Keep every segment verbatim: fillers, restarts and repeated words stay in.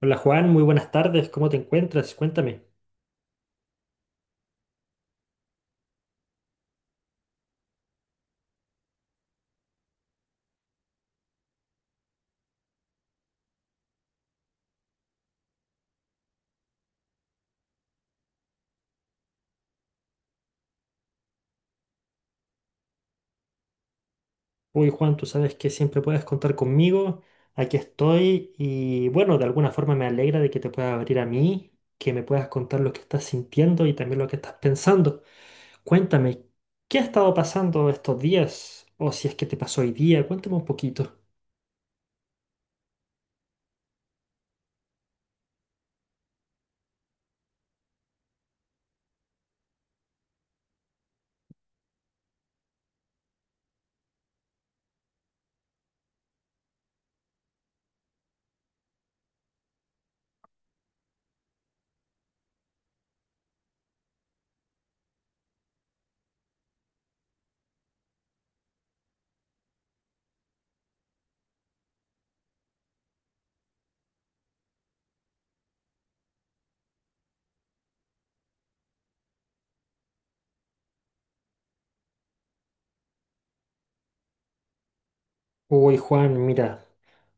Hola Juan, muy buenas tardes, ¿cómo te encuentras? Cuéntame. Uy Juan, tú sabes que siempre puedes contar conmigo, aquí estoy y bueno, de alguna forma me alegra de que te puedas abrir a mí, que me puedas contar lo que estás sintiendo y también lo que estás pensando. Cuéntame, ¿qué ha estado pasando estos días? O si es que te pasó hoy día, cuéntame un poquito. Uy, Juan, mira,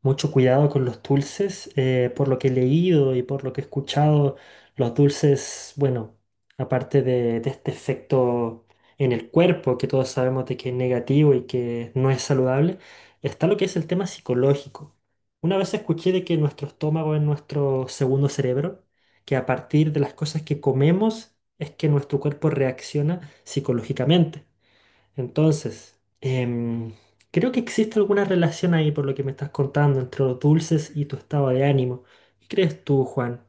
mucho cuidado con los dulces. Eh, por lo que he leído y por lo que he escuchado, los dulces, bueno, aparte de, de este efecto en el cuerpo, que todos sabemos de que es negativo y que no es saludable, está lo que es el tema psicológico. Una vez escuché de que nuestro estómago es nuestro segundo cerebro, que a partir de las cosas que comemos es que nuestro cuerpo reacciona psicológicamente. Entonces, em, creo que existe alguna relación ahí por lo que me estás contando entre los dulces y tu estado de ánimo. ¿Qué crees tú, Juan?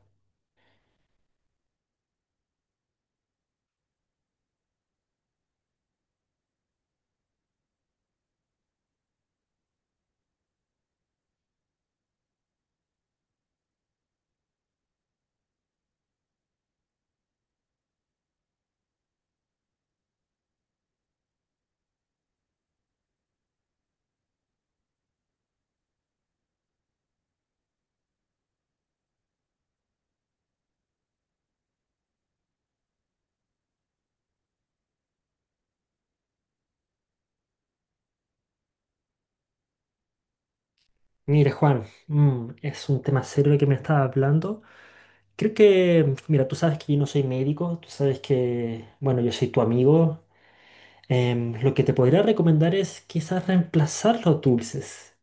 Mira, Juan, mm, es un tema serio el que me estás hablando. Creo que, mira, tú sabes que yo no soy médico, tú sabes que, bueno, yo soy tu amigo. Em, lo que te podría recomendar es quizás reemplazar los dulces,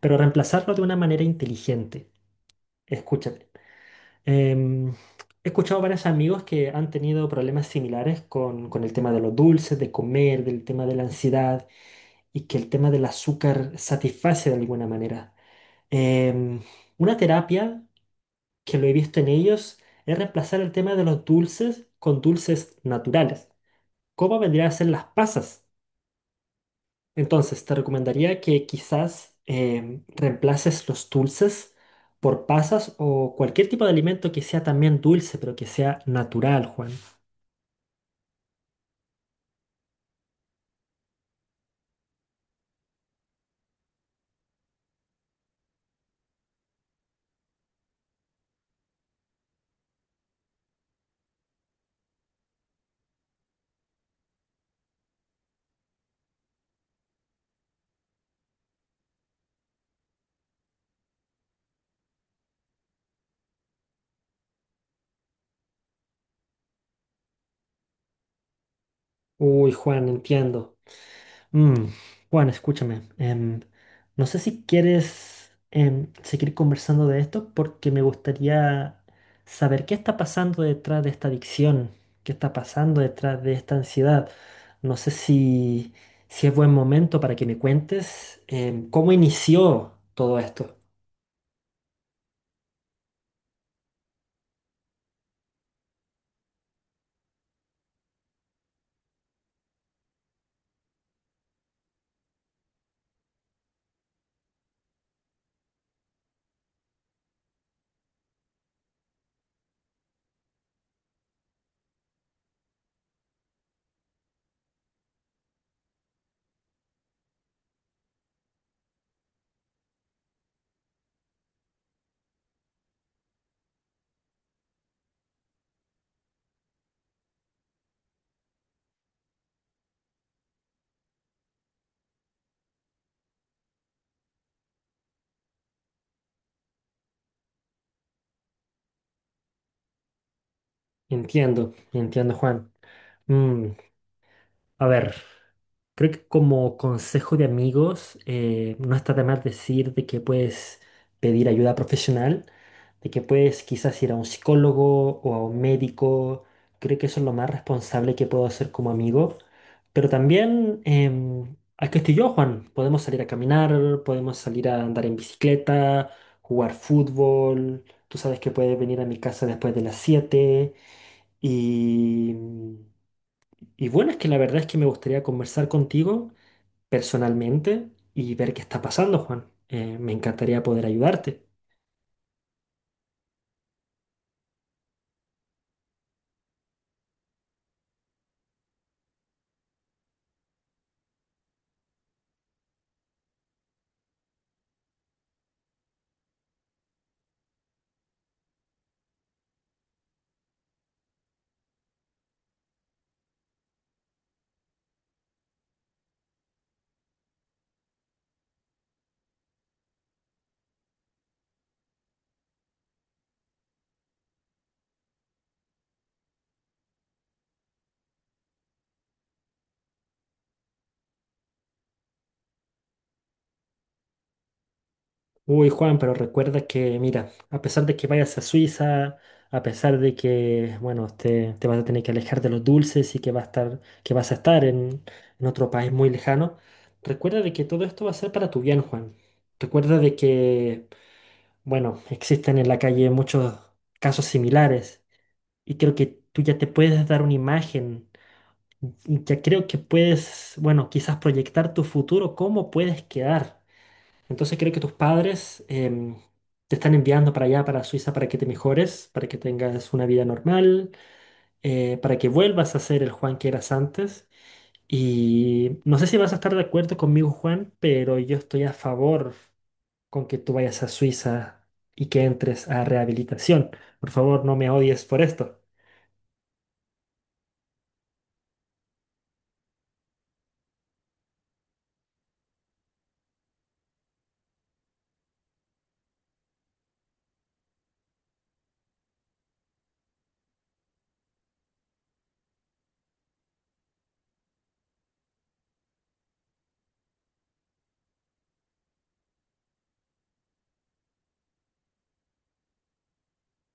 pero reemplazarlo de una manera inteligente. Escúchame. Em, He escuchado varios amigos que han tenido problemas similares con, con el tema de los dulces, de comer, del tema de la ansiedad y que el tema del azúcar satisface de alguna manera. Em, una terapia que lo he visto en ellos es reemplazar el tema de los dulces con dulces naturales. ¿Cómo vendrían a ser las pasas? Entonces, te recomendaría que quizás em, reemplaces los dulces por pasas o cualquier tipo de alimento que sea también dulce, pero que sea natural, Juan. Uy, Juan, entiendo. Mm, Juan, escúchame. Em, no sé si quieres em, seguir conversando de esto porque me gustaría saber qué está pasando detrás de esta adicción, qué está pasando detrás de esta ansiedad. No sé si, si es buen momento para que me cuentes em, cómo inició todo esto. Entiendo, entiendo, Juan. Mm, a ver, creo que como consejo de amigos, eh, no está de más decir de que puedes pedir ayuda profesional, de que puedes quizás ir a un psicólogo o a un médico. Creo que eso es lo más responsable que puedo hacer como amigo. Pero también, em, aquí estoy yo, Juan. Podemos salir a caminar, podemos salir a andar en bicicleta, jugar fútbol. Tú sabes que puedes venir a mi casa después de las siete y... Y bueno, es que la verdad es que me gustaría conversar contigo personalmente y ver qué está pasando, Juan. Eh, me encantaría poder ayudarte. Uy, Juan, pero recuerda que, mira, a pesar de que vayas a Suiza, a pesar de que, bueno, te, te vas a tener que alejar de los dulces y que, va a estar, que vas a estar en, en otro país muy lejano, recuerda de que todo esto va a ser para tu bien, Juan. Recuerda de que, bueno, existen en la calle muchos casos similares y creo que tú ya te puedes dar una imagen ya creo que puedes, bueno, quizás proyectar tu futuro, cómo puedes quedar. Entonces creo que tus padres em, te están enviando para allá, para Suiza, para que te mejores, para que tengas una vida normal, eh, para que vuelvas a ser el Juan que eras antes. Y no sé si vas a estar de acuerdo conmigo, Juan, pero yo estoy a favor con que tú vayas a Suiza y que entres a rehabilitación. Por favor, no me odies por esto.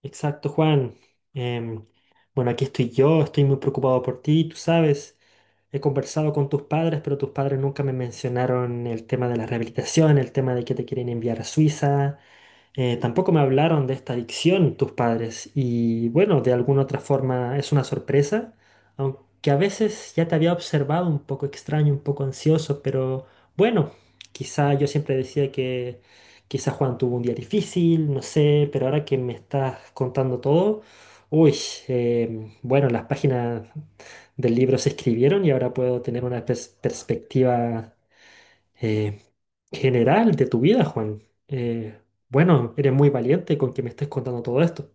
Exacto, Juan. Em, bueno, aquí estoy yo, estoy muy preocupado por ti, tú sabes. He conversado con tus padres, pero tus padres nunca me mencionaron el tema de la rehabilitación, el tema de que te quieren enviar a Suiza. Eh, tampoco me hablaron de esta adicción tus padres y bueno, de alguna otra forma es una sorpresa, aunque a veces ya te había observado un poco extraño, un poco ansioso, pero bueno, quizá yo siempre decía que quizá Juan tuvo un día difícil, no sé, pero ahora que me estás contando todo, uy, em, bueno, las páginas del libro se escribieron y ahora puedo tener una pers- perspectiva eh, general de tu vida, Juan. Eh, bueno, eres muy valiente con que me estés contando todo esto.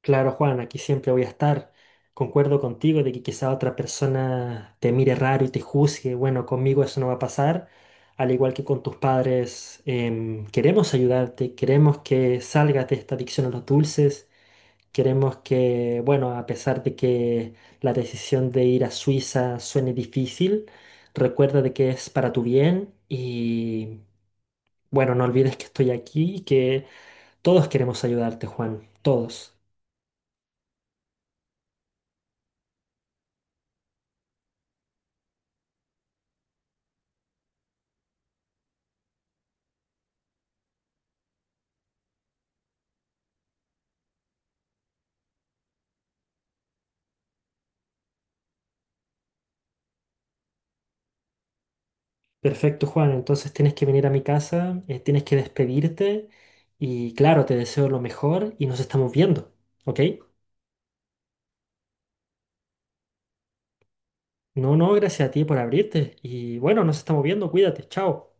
Claro, Juan, aquí siempre voy a estar. Concuerdo contigo de que quizá otra persona te mire raro y te juzgue. Bueno, conmigo eso no va a pasar. Al igual que con tus padres, em, queremos ayudarte, queremos que salgas de esta adicción a los dulces. Queremos que, bueno, a pesar de que la decisión de ir a Suiza suene difícil, recuerda de que es para tu bien y, bueno, no olvides que estoy aquí y que todos queremos ayudarte, Juan, todos. Perfecto, Juan. Entonces tienes que venir a mi casa, eh, tienes que despedirte y claro, te deseo lo mejor y nos estamos viendo, ¿ok? No, no, gracias a ti por abrirte y bueno, nos estamos viendo, cuídate, chao.